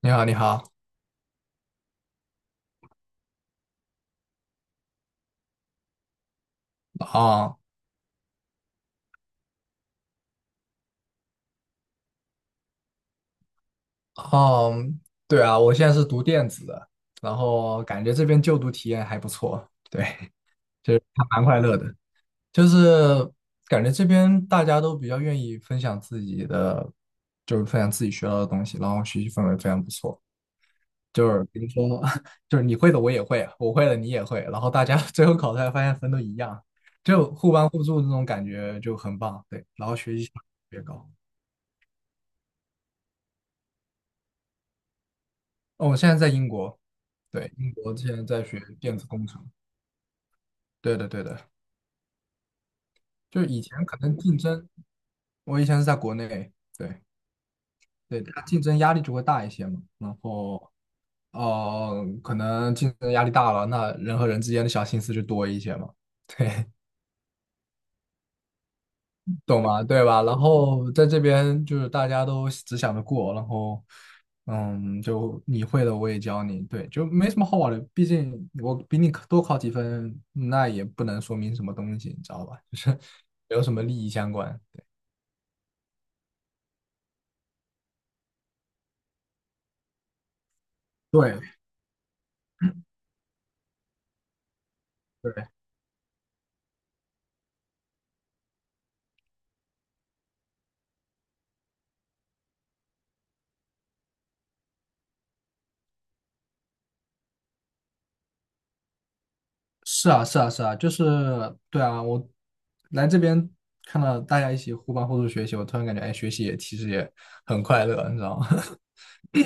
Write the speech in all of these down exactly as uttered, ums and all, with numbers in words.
你好，你好。啊，哦，对啊，我现在是读电子的，然后感觉这边就读体验还不错。对，就是还蛮快乐的，就是感觉这边大家都比较愿意分享自己的，就是分享自己学到的东西，然后学习氛围非常不错。就是比如说，就是你会的我也会啊，我会的你也会，然后大家 最后考出来发现分都一样，就互帮互助这种感觉就很棒。对，然后学习效率特别高。哦，我现在在英国。对，英国现在在学电子工程。对的，对的，就以前可能竞争，我以前是在国内。对对，它竞争压力就会大一些嘛。然后呃，可能竞争压力大了，那人和人之间的小心思就多一些嘛。对，懂吗？对吧？然后在这边就是大家都只想着过，然后嗯，就你会的我也教你。对，就没什么好玩的。毕竟我比你多考几分，那也不能说明什么东西，你知道吧？就是没有什么利益相关。对对，是啊是啊是啊，就是对啊，我来这边看到大家一起互帮互助学习，我突然感觉，哎，学习也其实也很快乐，你知道吗？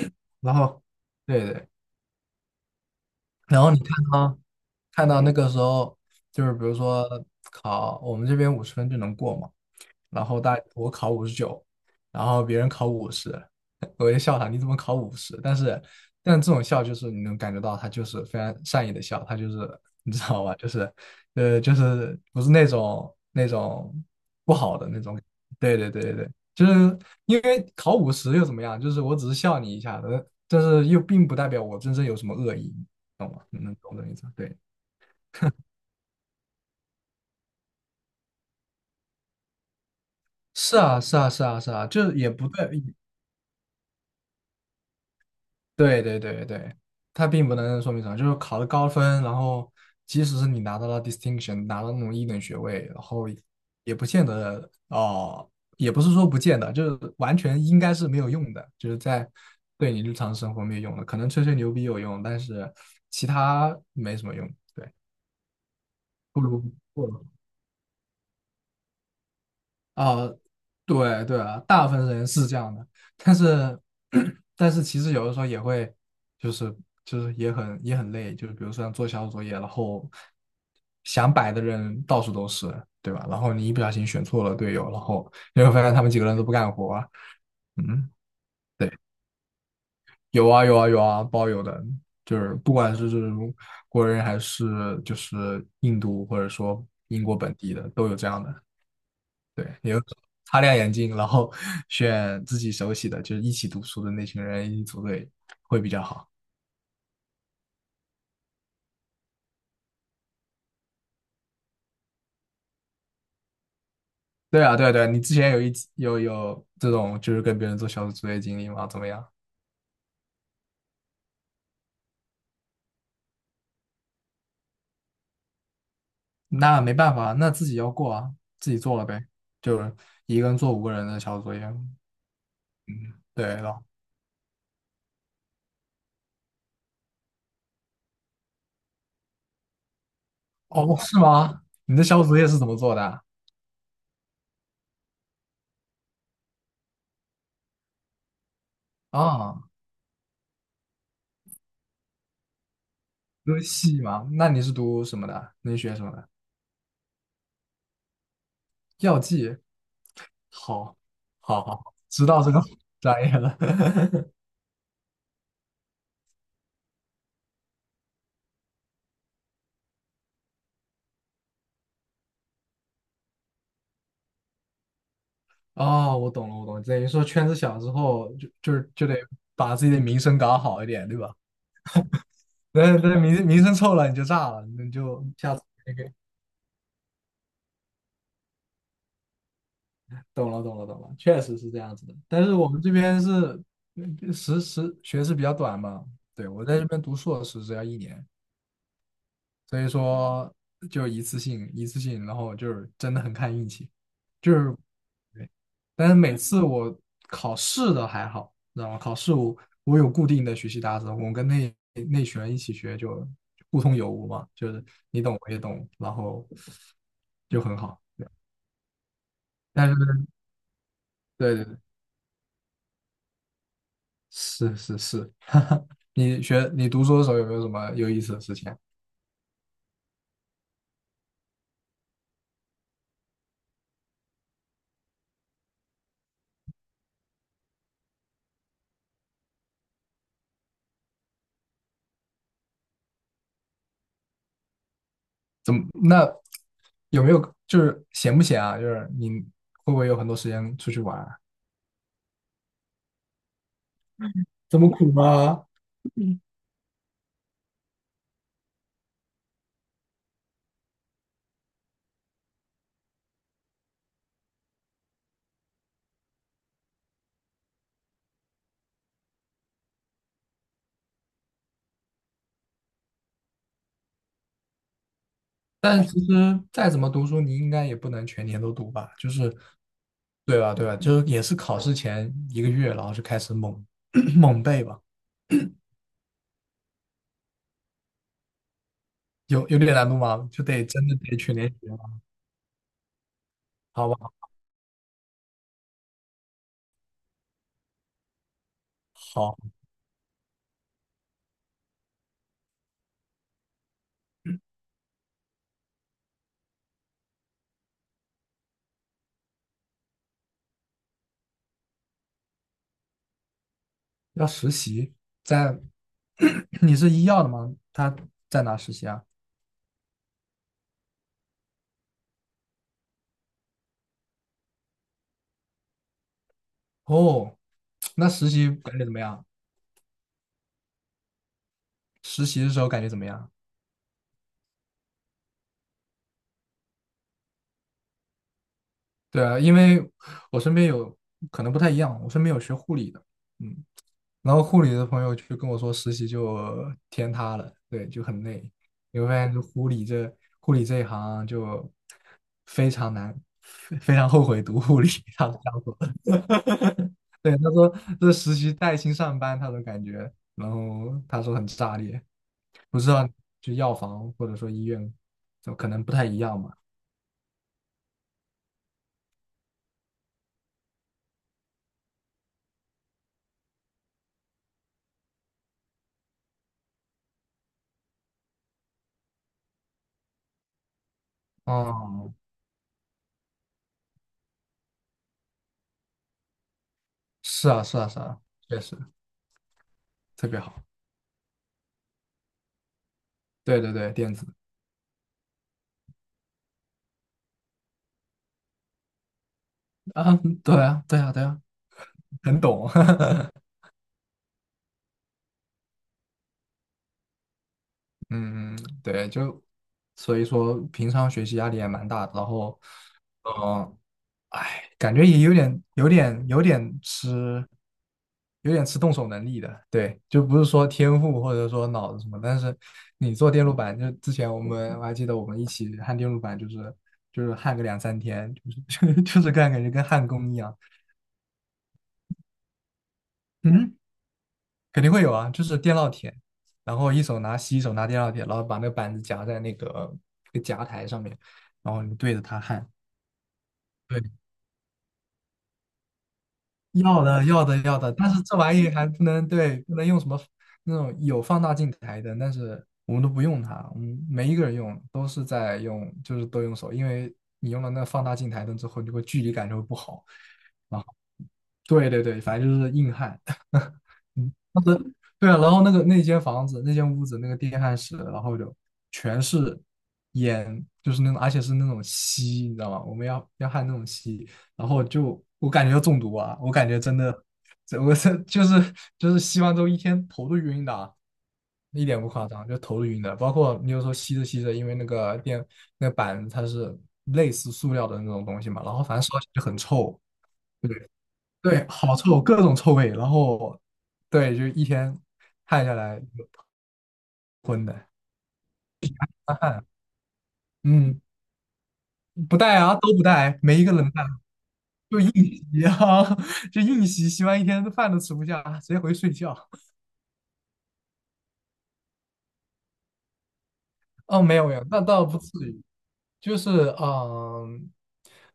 然后，对对，然后你看啊。看到那个时候，就是比如说考我们这边五十分就能过嘛，然后大我考五十九，然后别人考五十。我就笑他，你怎么考五十？但是，但这种笑就是你能感觉到他就是非常善意的笑，他就是你知道吧，就是呃，就是不是那种那种不好的那种。对对对对对，就是因为考五十又怎么样？就是我只是笑你一下的但是又并不代表我真正有什么恶意，懂吗？能懂这意思？对。是啊，是啊，是啊，是啊，就是也不对。对对对对，它并不能说明什么，就是考了高分，然后即使是你拿到了 distinction，拿到那种一等学位，然后也不见得哦，也不是说不见得，就是完全应该是没有用的，就是在对你日常生活没有用的，可能吹吹牛逼有用，但是其他没什么用。对，不如。啊，对对啊，大部分人是这样的。但是 但是其实有的时候也会，就是就是也很也很累，就是比如说像做小组作业，然后想摆的人到处都是，对吧？然后你一不小心选错了队友，然后你会发现他们几个人都不干活啊。嗯，对，有啊有啊有啊，包有的，就是不管是这种国人还是就是印度或者说英国本地的，都有这样的。对，你就擦亮眼睛，然后 选自己熟悉的，就是一起读书的那群人一起组队会比较好。对啊，对啊，对啊你之前有一有有这种就是跟别人做小组作业经历吗？怎么样？那没办法，那自己要过啊，自己做了呗，就是一个人做五个人的小组作业。嗯，对了，哦，是吗？你的小组作业是怎么做的啊？啊，读戏吗？那你是读什么的？你学什么的？药剂。好，好，好，好知道这个 专业了。哦，我懂了，我懂了，等于说圈子小之后，就就是就得把自己的名声搞好一点，对吧？那那名名声臭了，你就炸了，你就下次懂了，懂了，懂了，确实是这样子的。但是我们这边是嗯时时学制比较短嘛。对，我在这边读硕士只要一年，所以说就一次性一次性，然后就是真的很看运气，就是对，但是每次我考试的还好，你知道吗？考试我我有固定的学习搭子，我跟那那群人一起学就互通有无嘛，就是你懂我也懂，然后就很好。对但是对对对，是是是，哈哈，你学你读书的时候有没有什么有意思的事情啊怎么那有没有就是闲不闲啊？就是你会不会有很多时间出去玩啊这么苦吗？但其实再怎么读书，你应该也不能全年都读吧？就是，对吧？对吧？就是也是考试前一个月，然后就开始猛 猛背吧。有有点难度吗？就得真的得全年学了，好吧？好，要实习，在 你是医药的吗？他在哪实习啊？哦，那实习感觉怎么样？实习的时候感觉怎么样？对啊，因为我身边有可能不太一样，我身边有学护理的。嗯，然后护理的朋友就跟我说，实习就天塌了。对，就很累。你会发现，就护理这护理这一行就非常难，非非常后悔读护理。他是这样说的对，他说这实习带薪上班，他都感觉，然后他说很炸裂，不知道就药房或者说医院，就可能不太一样吧。哦，是啊，是啊，是啊，确实特别好。对对对，电子啊，对啊，对啊，对啊，很懂。嗯，嗯对，就所以说平常学习压力也蛮大的然后，嗯、哎，感觉也有点、有点、有点吃、有点吃动手能力的。对，就不是说天赋或者说脑子什么，但是你做电路板，就之前我们我还记得我们一起焊电路板，就是就是焊个两三天，就是 就是干感觉跟焊工一样。嗯，肯定会有啊，就是电烙铁，然后一手拿锡，一手拿电烙铁，然后把那个板子夹在那个那个夹台上面，然后你对着它焊。对。要的，要的，要的，但是这玩意还不能对，不能用什么那种有放大镜台灯，但是我们都不用它，我们没一个人用，都是在用，就是都用手，因为你用了那放大镜台灯之后，你会距离感就会不好。啊。对对对，反正就是硬汉。嗯，当时对啊，然后那个那间房子，那间屋子，那个电焊室，然后就全是烟，就是那种，而且是那种锡，你知道吗？我们要要焊那种锡，然后就我感觉要中毒啊，我感觉真的，这我这就是就是吸完之后一天头都晕的啊，一点不夸张，就头都晕的。包括你有时候吸着吸着，因为那个电那个板它是类似塑料的那种东西嘛，然后反正烧起来就很臭。对对，好臭，各种臭味。然后对，就一天汗下来昏的，干汗。嗯。不带啊，都不带，没一个能带，就硬吸啊，就硬吸，吸完一天饭都吃不下，直接回去睡觉。哦，没有没有，那倒不至于，就是嗯，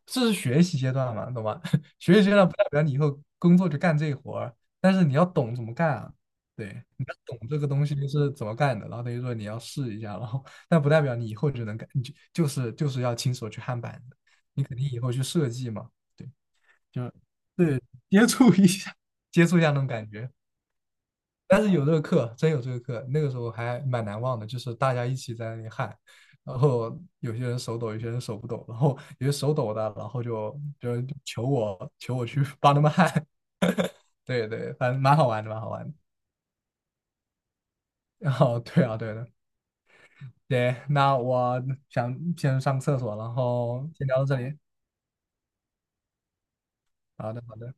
这是学习阶段嘛，懂吧？学习阶段不代表你以后工作就干这活儿，但是你要懂怎么干啊。对，你要懂这个东西是怎么干的，然后等于说你要试一下，然后但不代表你以后就能干，你就就是就是要亲手去焊板子，你肯定以后去设计嘛。对，就对，接触一下，接触一下那种感觉。但是有这个课，真有这个课，那个时候还蛮难忘的，就是大家一起在那里喊，然后有些人手抖，有些人手不抖，然后有些手抖的，然后就就求我求我去帮他们喊。对对，反正蛮好玩的，蛮好玩的。然后对啊，对的，对，那我想先上个厕所，然后先聊到这里。好的，好的。